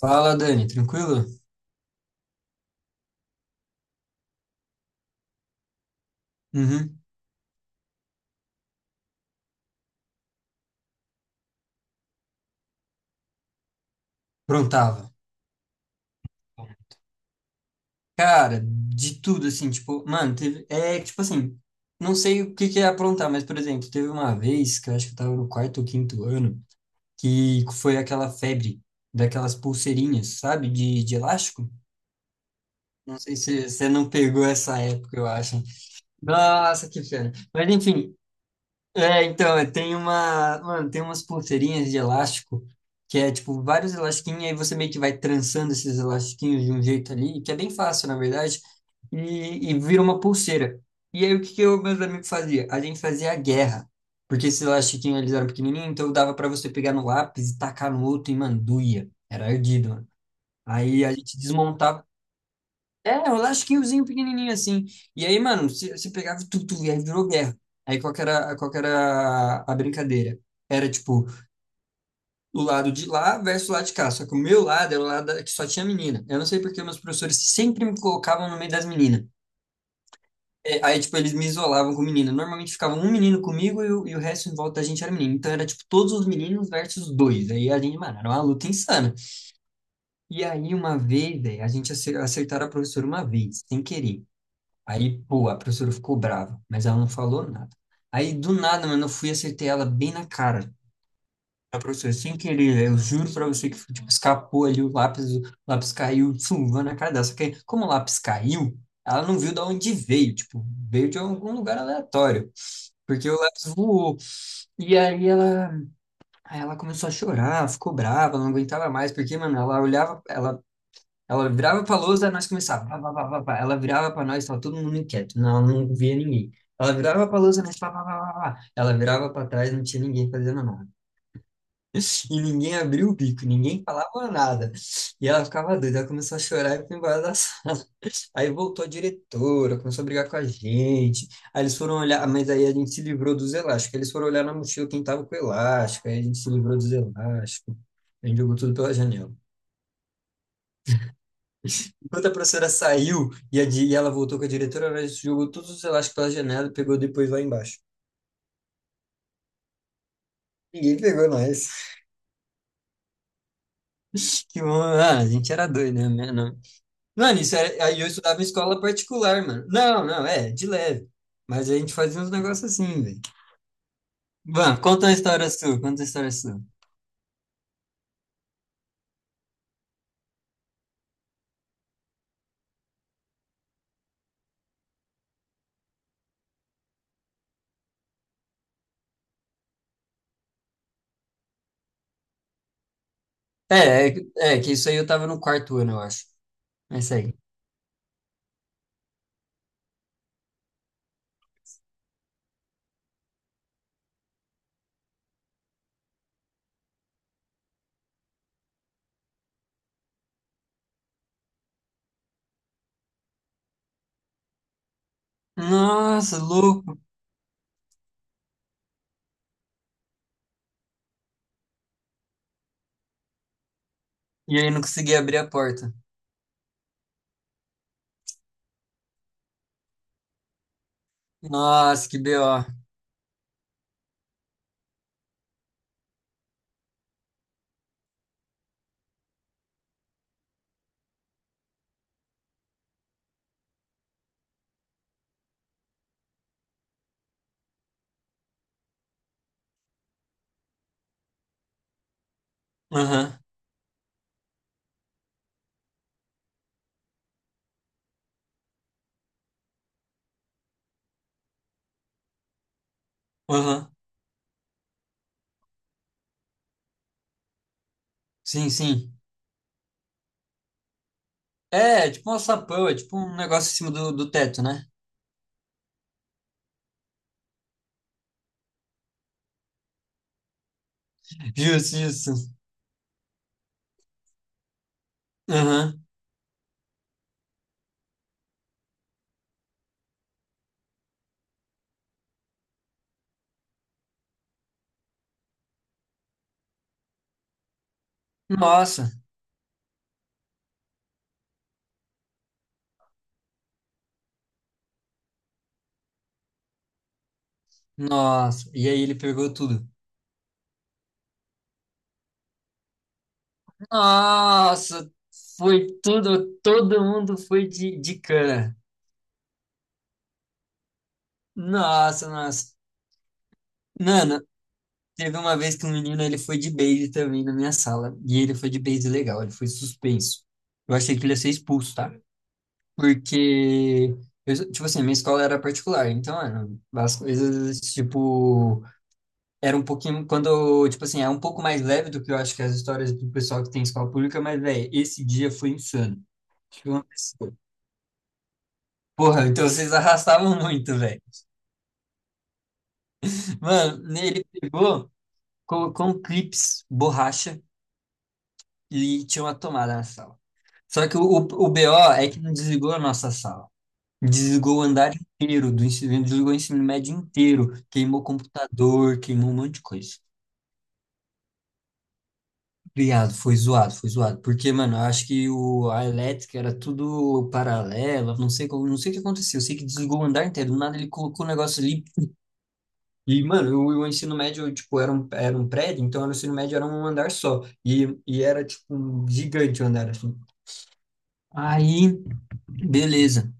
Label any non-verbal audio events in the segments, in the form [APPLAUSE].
Fala, Dani, tranquilo? Uhum. Prontava. Cara, de tudo, assim, tipo, mano, teve. É, tipo assim, não sei o que que é aprontar, mas, por exemplo, teve uma vez que eu acho que eu tava no quarto ou quinto ano, que foi aquela febre daquelas pulseirinhas, sabe? De elástico. Não sei se você não pegou essa época, eu acho. Nossa, que pena. Mas, enfim, é, então, mano, tem umas pulseirinhas de elástico que é tipo vários elastiquinhos, aí você meio que vai trançando esses elastiquinhos de um jeito ali, que é bem fácil, na verdade, e vira uma pulseira. E aí o que que eu, meus amigos fazia? A gente fazia a guerra, porque esses elastiquinhos eles eram pequenininhos, então dava pra você pegar no lápis e tacar no outro e, mano, doía. Era ardido, mano. Aí a gente desmontava, é um lasquinhozinho pequenininho assim. E aí, mano, você pegava tudo, tu, tu, e aí virou guerra. Aí qual que era a brincadeira? Era tipo, o lado de lá versus o lado de cá. Só que o meu lado era o lado que só tinha menina. Eu não sei porque meus professores sempre me colocavam no meio das meninas. É. Aí, tipo, eles me isolavam com menina. Normalmente ficava um menino comigo e o resto em volta da gente era menino. Então era, tipo, todos os meninos versus dois. Aí a gente, mano, era uma luta insana. E aí, uma vez, velho, a gente acertaram a professora uma vez, sem querer. Aí, pô, a professora ficou brava, mas ela não falou nada. Aí, do nada, mano, eu fui e acertei ela bem na cara. A professora, sem querer, eu juro pra você que, tipo, escapou ali o lápis caiu, chuva na cara dela. Só que, aí, como o lápis caiu, ela não viu de onde veio, tipo, veio de algum lugar aleatório, porque o lápis voou. E aí ela começou a chorar, ficou brava, ela não aguentava mais, porque, mano, ela olhava, ela virava pra lousa, nós começava. Pá, pá, pá, pá, pá. Ela virava pra nós, tava todo mundo inquieto, não via ninguém. Ela virava pra lousa, nós pá, pá, pá, pá, pá. Ela virava pra trás, não tinha ninguém fazendo nada. [LAUGHS] E ninguém abriu o bico, ninguém falava nada. E ela ficava doida, ela começou a chorar e foi embora da [LAUGHS] sala. Aí voltou a diretora, começou a brigar com a gente. Aí eles foram olhar, mas aí a gente se livrou dos elásticos. Eles foram olhar na mochila quem tava com elástico, aí a gente se livrou dos elásticos. A gente jogou tudo pela janela. Enquanto a professora saiu e ela voltou com a diretora, ela jogou todos os elásticos pela janela e pegou depois lá embaixo. Ninguém pegou nós. [LAUGHS] Que bom. Ah, a gente era doido, né? Mas não. Mano, isso era, aí eu estudava em escola particular, mano. Não, não, é, de leve. Mas a gente fazia uns negócios assim, velho. Bom, conta uma história sua, conta uma história sua. Que isso aí eu tava no quarto ano, eu acho. É isso aí. Nossa, louco. E aí não consegui abrir a porta. Nossa, que BO. Aham, aham. Sim, sim. É tipo um alçapão, é tipo um negócio em cima do teto, né? Justo, justo. Aham. Nossa, nossa. E aí ele pegou tudo. Nossa, foi tudo, todo mundo foi de cana. Nossa, nossa. Mano, teve uma vez que um menino, ele foi de base também na minha sala. E ele foi de base legal, ele foi suspenso. Eu achei que ele ia ser expulso, tá? Porque, tipo assim, minha escola era particular. Então, mano, as coisas, tipo... Era um pouquinho, quando, tipo assim, é um pouco mais leve do que eu acho que as histórias do pessoal que tem escola pública, mas, velho, esse dia foi insano. Tipo, uma pessoa. Porra, então vocês arrastavam muito, velho. Mano, né, ele pegou, colocou um clips, borracha e tinha uma tomada na sala. Só que o BO é que não desligou a nossa sala. Desligou o andar inteiro do ensino, desligou o ensino médio inteiro. Queimou computador, queimou um monte de coisa. Criado, foi zoado, foi zoado. Porque, mano, eu acho que a elétrica era tudo paralela, não sei como, não sei o que aconteceu. Eu sei que desligou o andar inteiro, do nada ele colocou o negócio ali. E, mano, o ensino médio, tipo, era um prédio, então era o ensino médio era um andar só. E era, tipo, um gigante o andar, assim. Aí, beleza.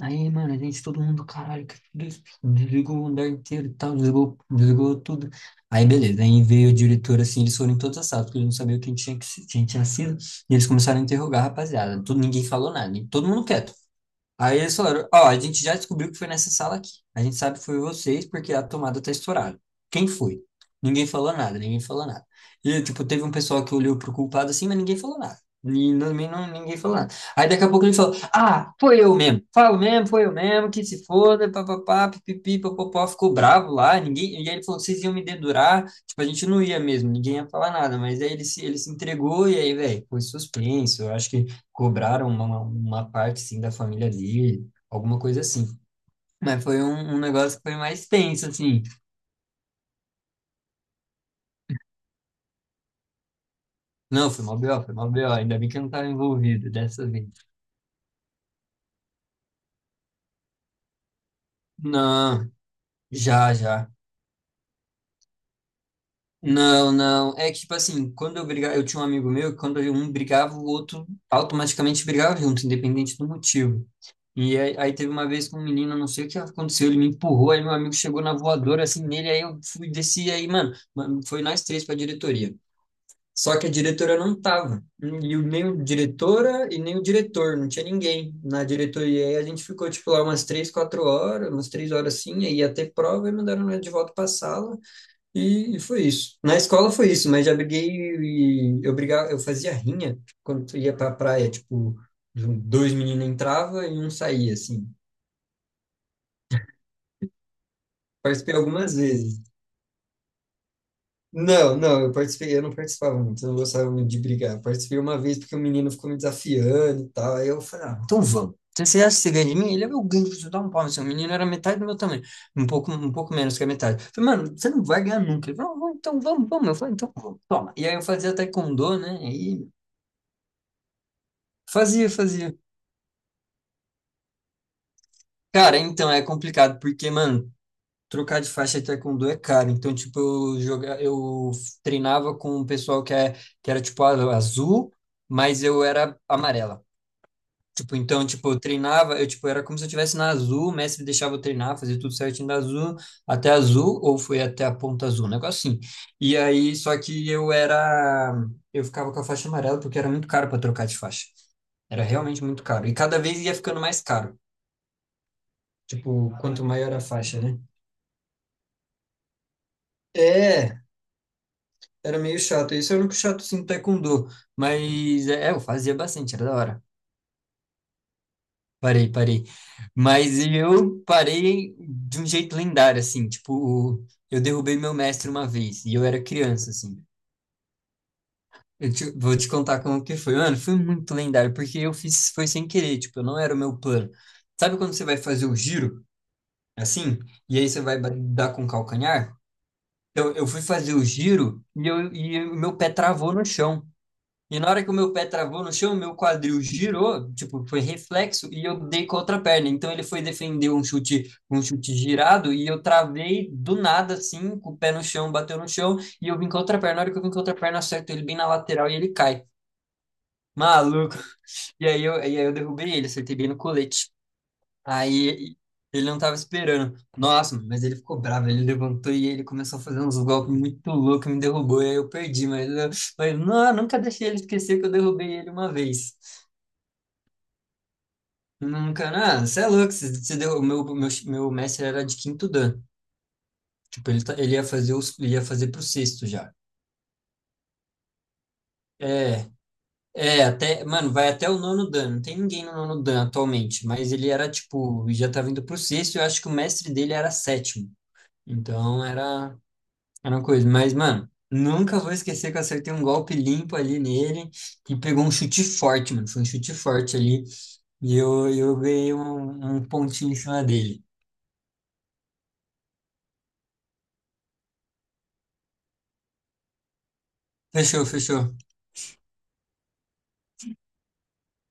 Aí, mano, a gente, todo mundo, caralho, que desligou o andar inteiro e tal, desligou, tudo. Aí, beleza, aí veio o diretor, assim, eles foram em todas as salas, porque eles não sabiam quem tinha, que, se- quem tinha sido, e eles começaram a interrogar a rapaziada. Tudo, ninguém falou nada, e todo mundo quieto. Aí eles falaram, ó, a gente já descobriu que foi nessa sala aqui. A gente sabe que foi vocês porque a tomada tá estourada. Quem foi? Ninguém falou nada, ninguém falou nada. E, tipo, teve um pessoal que olhou pro culpado assim, mas ninguém falou nada. E não, não, ninguém falou nada. Aí daqui a pouco ele falou, ah, foi eu mesmo. Falo mesmo, foi eu mesmo, que se foda, papapá, pipipi, papopó. Ficou bravo lá, ninguém... E aí ele falou, vocês iam me dedurar. Tipo, a gente não ia mesmo, ninguém ia falar nada. Mas aí ele se entregou e aí, velho, foi suspenso. Eu acho que cobraram uma parte, assim, da família dele, alguma coisa assim. Mas foi um negócio que foi mais tenso, assim. Não, foi mó BO, foi mó BO. Ainda bem que eu não estava envolvido dessa vez. Não, já, já. Não, não. É que, tipo assim, quando eu brigava, eu tinha um amigo meu que quando um brigava, o outro automaticamente brigava junto, independente do motivo. E aí teve uma vez com um menino, não sei o que aconteceu, ele me empurrou, aí meu amigo chegou na voadora, assim, nele, aí eu fui, desci, aí, mano, foi nós três pra diretoria. Só que a diretora não estava. Nem a diretora e nem o diretor, não tinha ninguém na diretoria. E aí a gente ficou, tipo, lá umas 3, 4 horas, umas 3 horas assim, aí ia ter prova e mandaram nós de volta para a sala. E foi isso. Na escola foi isso, mas já briguei e eu brigava, eu fazia rinha quando ia para a praia, tipo, dois meninos entravam e um saía, assim. Participei algumas vezes. Não, não, eu participei, eu não participava muito, eu não gostava muito de brigar. Eu participei uma vez porque o menino ficou me desafiando e tal. Aí eu falei, ah, então vamos. Então, você acha que você ganha de mim? Ele, é meu ganho, você dá um pau no seu menino, era metade do meu tamanho, um pouco menos que a metade. Eu falei, mano, você não vai ganhar nunca. Ele falou, "Não, então vamos, vamos." Eu falei, então vamos, toma. E aí eu fazia taekwondo, né? E fazia, fazia. Cara, então é complicado, porque, mano, trocar de faixa de taekwondo é caro. Então, tipo, eu treinava com o pessoal que era, tipo, azul, mas eu era amarela. Tipo, então, tipo, eu treinava, eu, tipo, era como se eu estivesse na azul, o mestre deixava eu treinar, fazer tudo certinho da azul, até a azul, ou foi até a ponta azul, um negócio assim. E aí, só que eu ficava com a faixa amarela porque era muito caro para trocar de faixa. Era realmente muito caro. E cada vez ia ficando mais caro. Tipo, quanto maior a faixa, né? É, Era meio chato. Isso é o único chato sim do taekwondo. Mas é, eu fazia bastante, era da hora. Parei, parei. Mas eu parei de um jeito lendário, assim. Tipo, eu derrubei meu mestre uma vez e eu era criança, assim. Vou te contar como que foi. Mano, foi muito lendário, porque eu fiz, foi sem querer, tipo, não era o meu plano. Sabe quando você vai fazer o giro, assim, e aí você vai dar com o calcanhar? Então, eu fui fazer o giro e o meu pé travou no chão. E na hora que o meu pé travou no chão, meu quadril girou, tipo, foi reflexo, e eu dei com a outra perna. Então ele foi defender um chute girado, e eu travei do nada, assim, com o pé no chão, bateu no chão, e eu vim com a outra perna. Na hora que eu vim com a outra perna, acerto ele bem na lateral e ele cai. Maluco. [LAUGHS] E aí eu derrubei ele, acertei bem no colete. Aí ele não tava esperando. Nossa, mas ele ficou bravo, ele levantou e ele começou a fazer uns golpes muito loucos, me derrubou, e aí eu perdi, mas não, eu nunca deixei ele esquecer que eu derrubei ele uma vez. Nunca, não, você é louco, você deu, meu mestre era de 5º dan. Tipo, ele, ele ia fazer pro sexto já. É, é, até, mano, vai até o 9º dan, não tem ninguém no 9º dan atualmente, mas ele era, tipo, já tava indo pro sexto, eu acho que o mestre dele era sétimo. Então era. Era uma coisa, mas, mano, nunca vou esquecer que eu acertei um golpe limpo ali nele, que pegou um chute forte, mano. Foi um chute forte ali, e eu ganhei um pontinho em cima dele. Fechou, fechou.